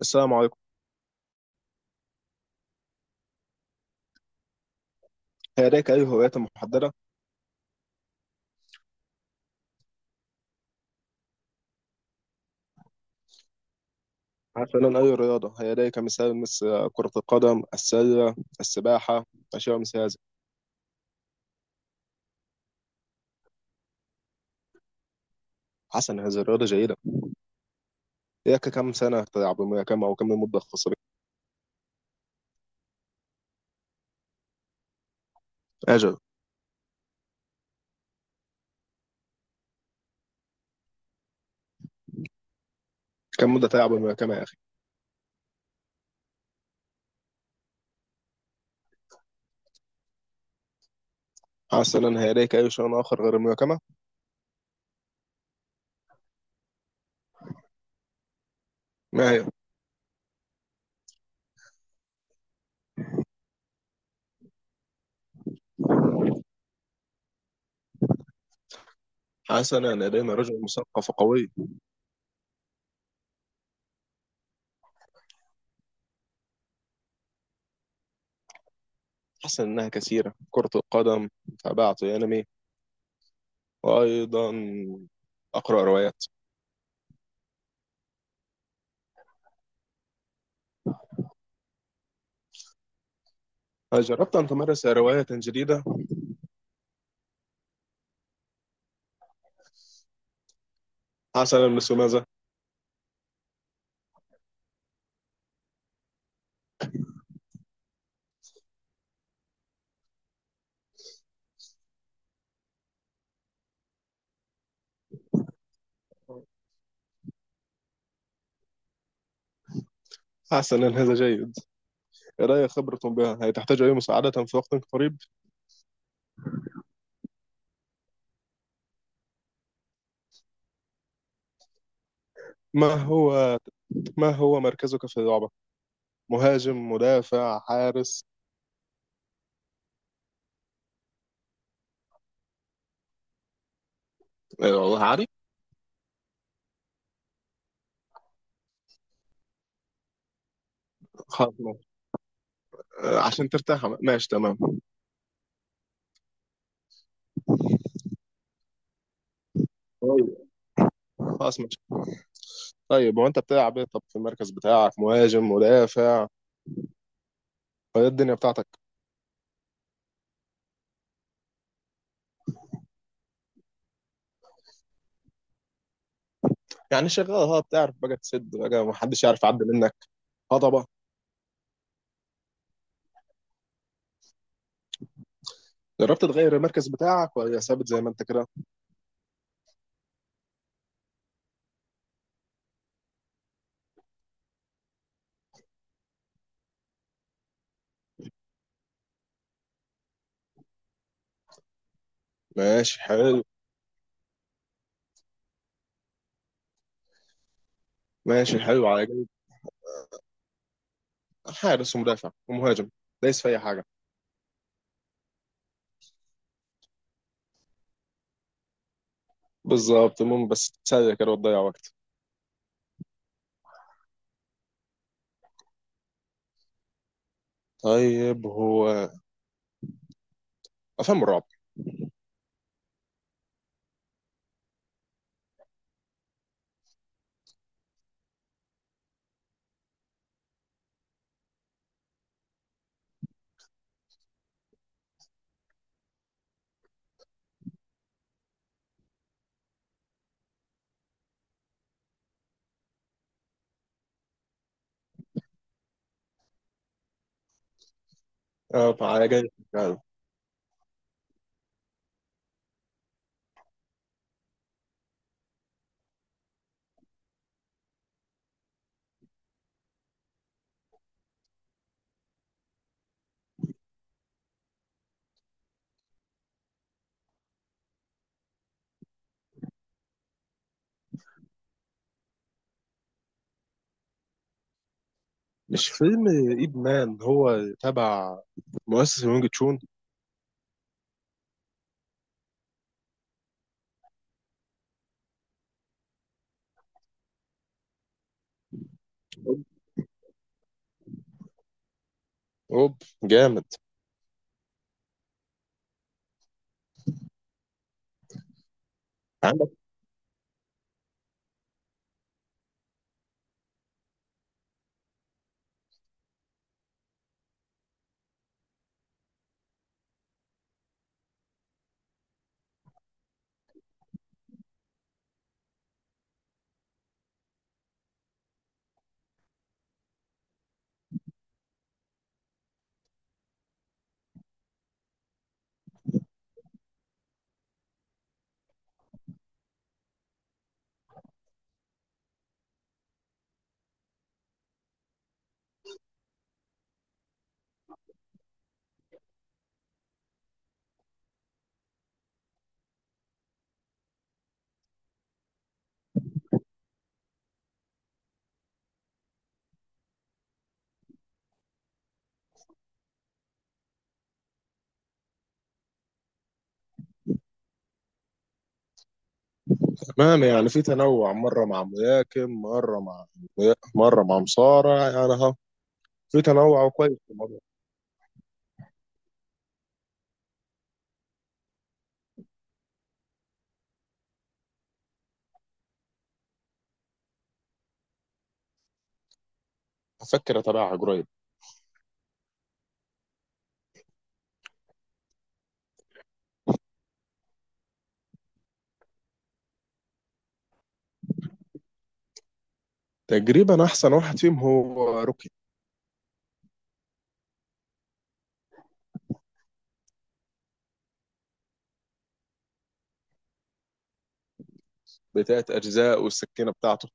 السلام عليكم. هيداك أي هوايات محددة؟ مثلا أي رياضة، هيداك مثال مثل كرة القدم، السلة، السباحة، أشياء مثل هذا. حسنا، هذه الرياضة جيدة. إياك كم سنة تلعب الملاكمة، أو كم المدة الخاصة بك؟ أجل. كم مدة تلعب الملاكمة يا أخي؟ حسنا، هيداك أي شيء آخر غير الملاكمة؟ ما هي؟ حسنا، لدينا رجل مثقف وقوي. حسنا، إنها كثيرة، كرة القدم، تابعت أنمي، وأيضا أقرأ روايات. هل جربت أن تمارس رواية جديدة؟ حسنا، مثل ماذا؟ حسنا، هذا جيد، لدي خبرة بها، هي تحتاج أي مساعدة في وقت قريب. ما هو، ما هو مركزك في اللعبة؟ مهاجم، مدافع، حارس؟ آه، والله عارف. خلاص ماشي. آه، عشان ترتاح، ماشي تمام. طيب، خلاص ماشي. طيب، هو أنت بتلعب إيه طب في المركز بتاعك؟ مهاجم، مدافع؟ فهي الدنيا بتاعتك. يعني شغال، ها بتعرف بقى تسد بقى محدش يعرف يعدي منك؟ هضبة. جربت تغير المركز بتاعك ولا ثابت زي ما انت كده؟ ماشي حلو. ماشي حلو على جنب. حارس ومدافع ومهاجم، دايس في اي حاجه. بالظبط، المهم بس تتسلى كده وتضيع وقت. طيب، هو افلام الرعب. اه، تعالى جاي يعني. مش فيلم ايب مان هو تبع مؤسس وينج تشون؟ اوب، جامد. عندك. تمام، يعني في تنوع، مره مع ملاكم، مره مع، مره مع مصارع يعني، ها، في تنوع كويس في الموضوع. هفكر اتابعها قريب. تقريبا احسن واحد فيهم هو روكي، بتلات اجزاء والسكينه بتاعته.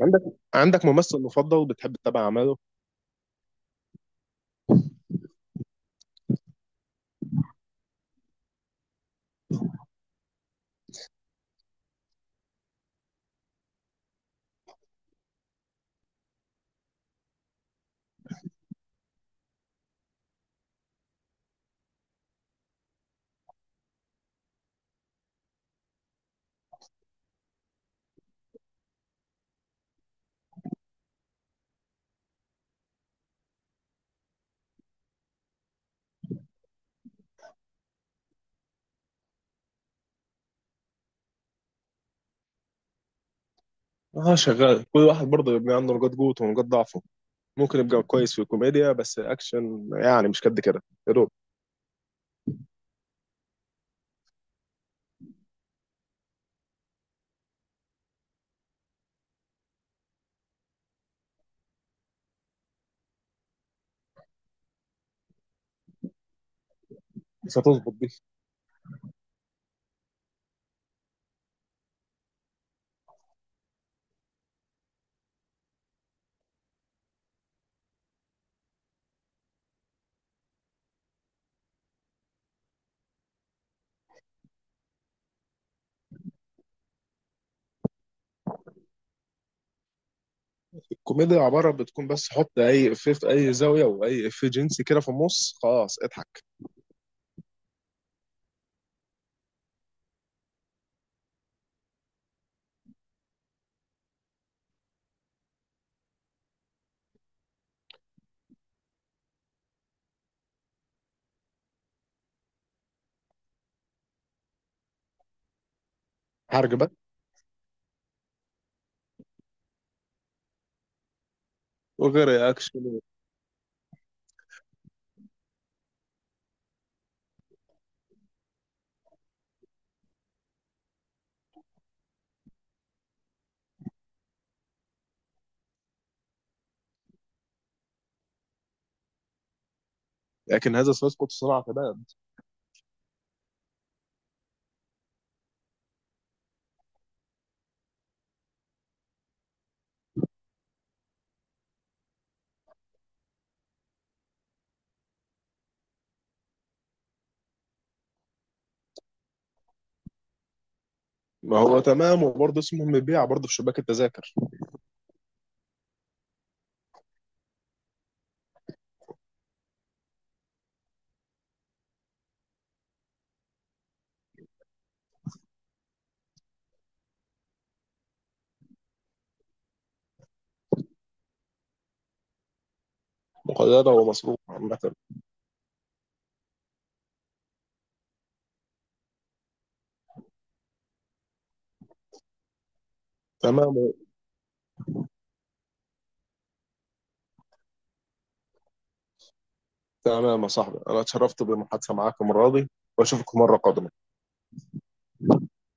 عندك، عندك ممثل مفضل بتحب تتابع اعماله؟ اه شغال، كل واحد برضه يبقى عنده نقاط قوته ونقاط ضعفه. ممكن يبقى كويس في الكوميديا بس اكشن يعني مش قد كده، يا دوب. مش هتظبط دي. الكوميديا عباره بتكون بس حط اي افيه في اي زاويه واي افيه جنسي كده في النص، خلاص اضحك. حرج بقى، وغير اكشن. لكن هذا سيسقط صناعه، تمام. ما هو تمام، وبرضه اسمه مبيع برضه في شباك التذاكر. مقيده ومصروف عامه. تمام. تمام يا صاحبي، انا اتشرفت بالمحادثه معاك المره دي، واشوفك مره قادمه.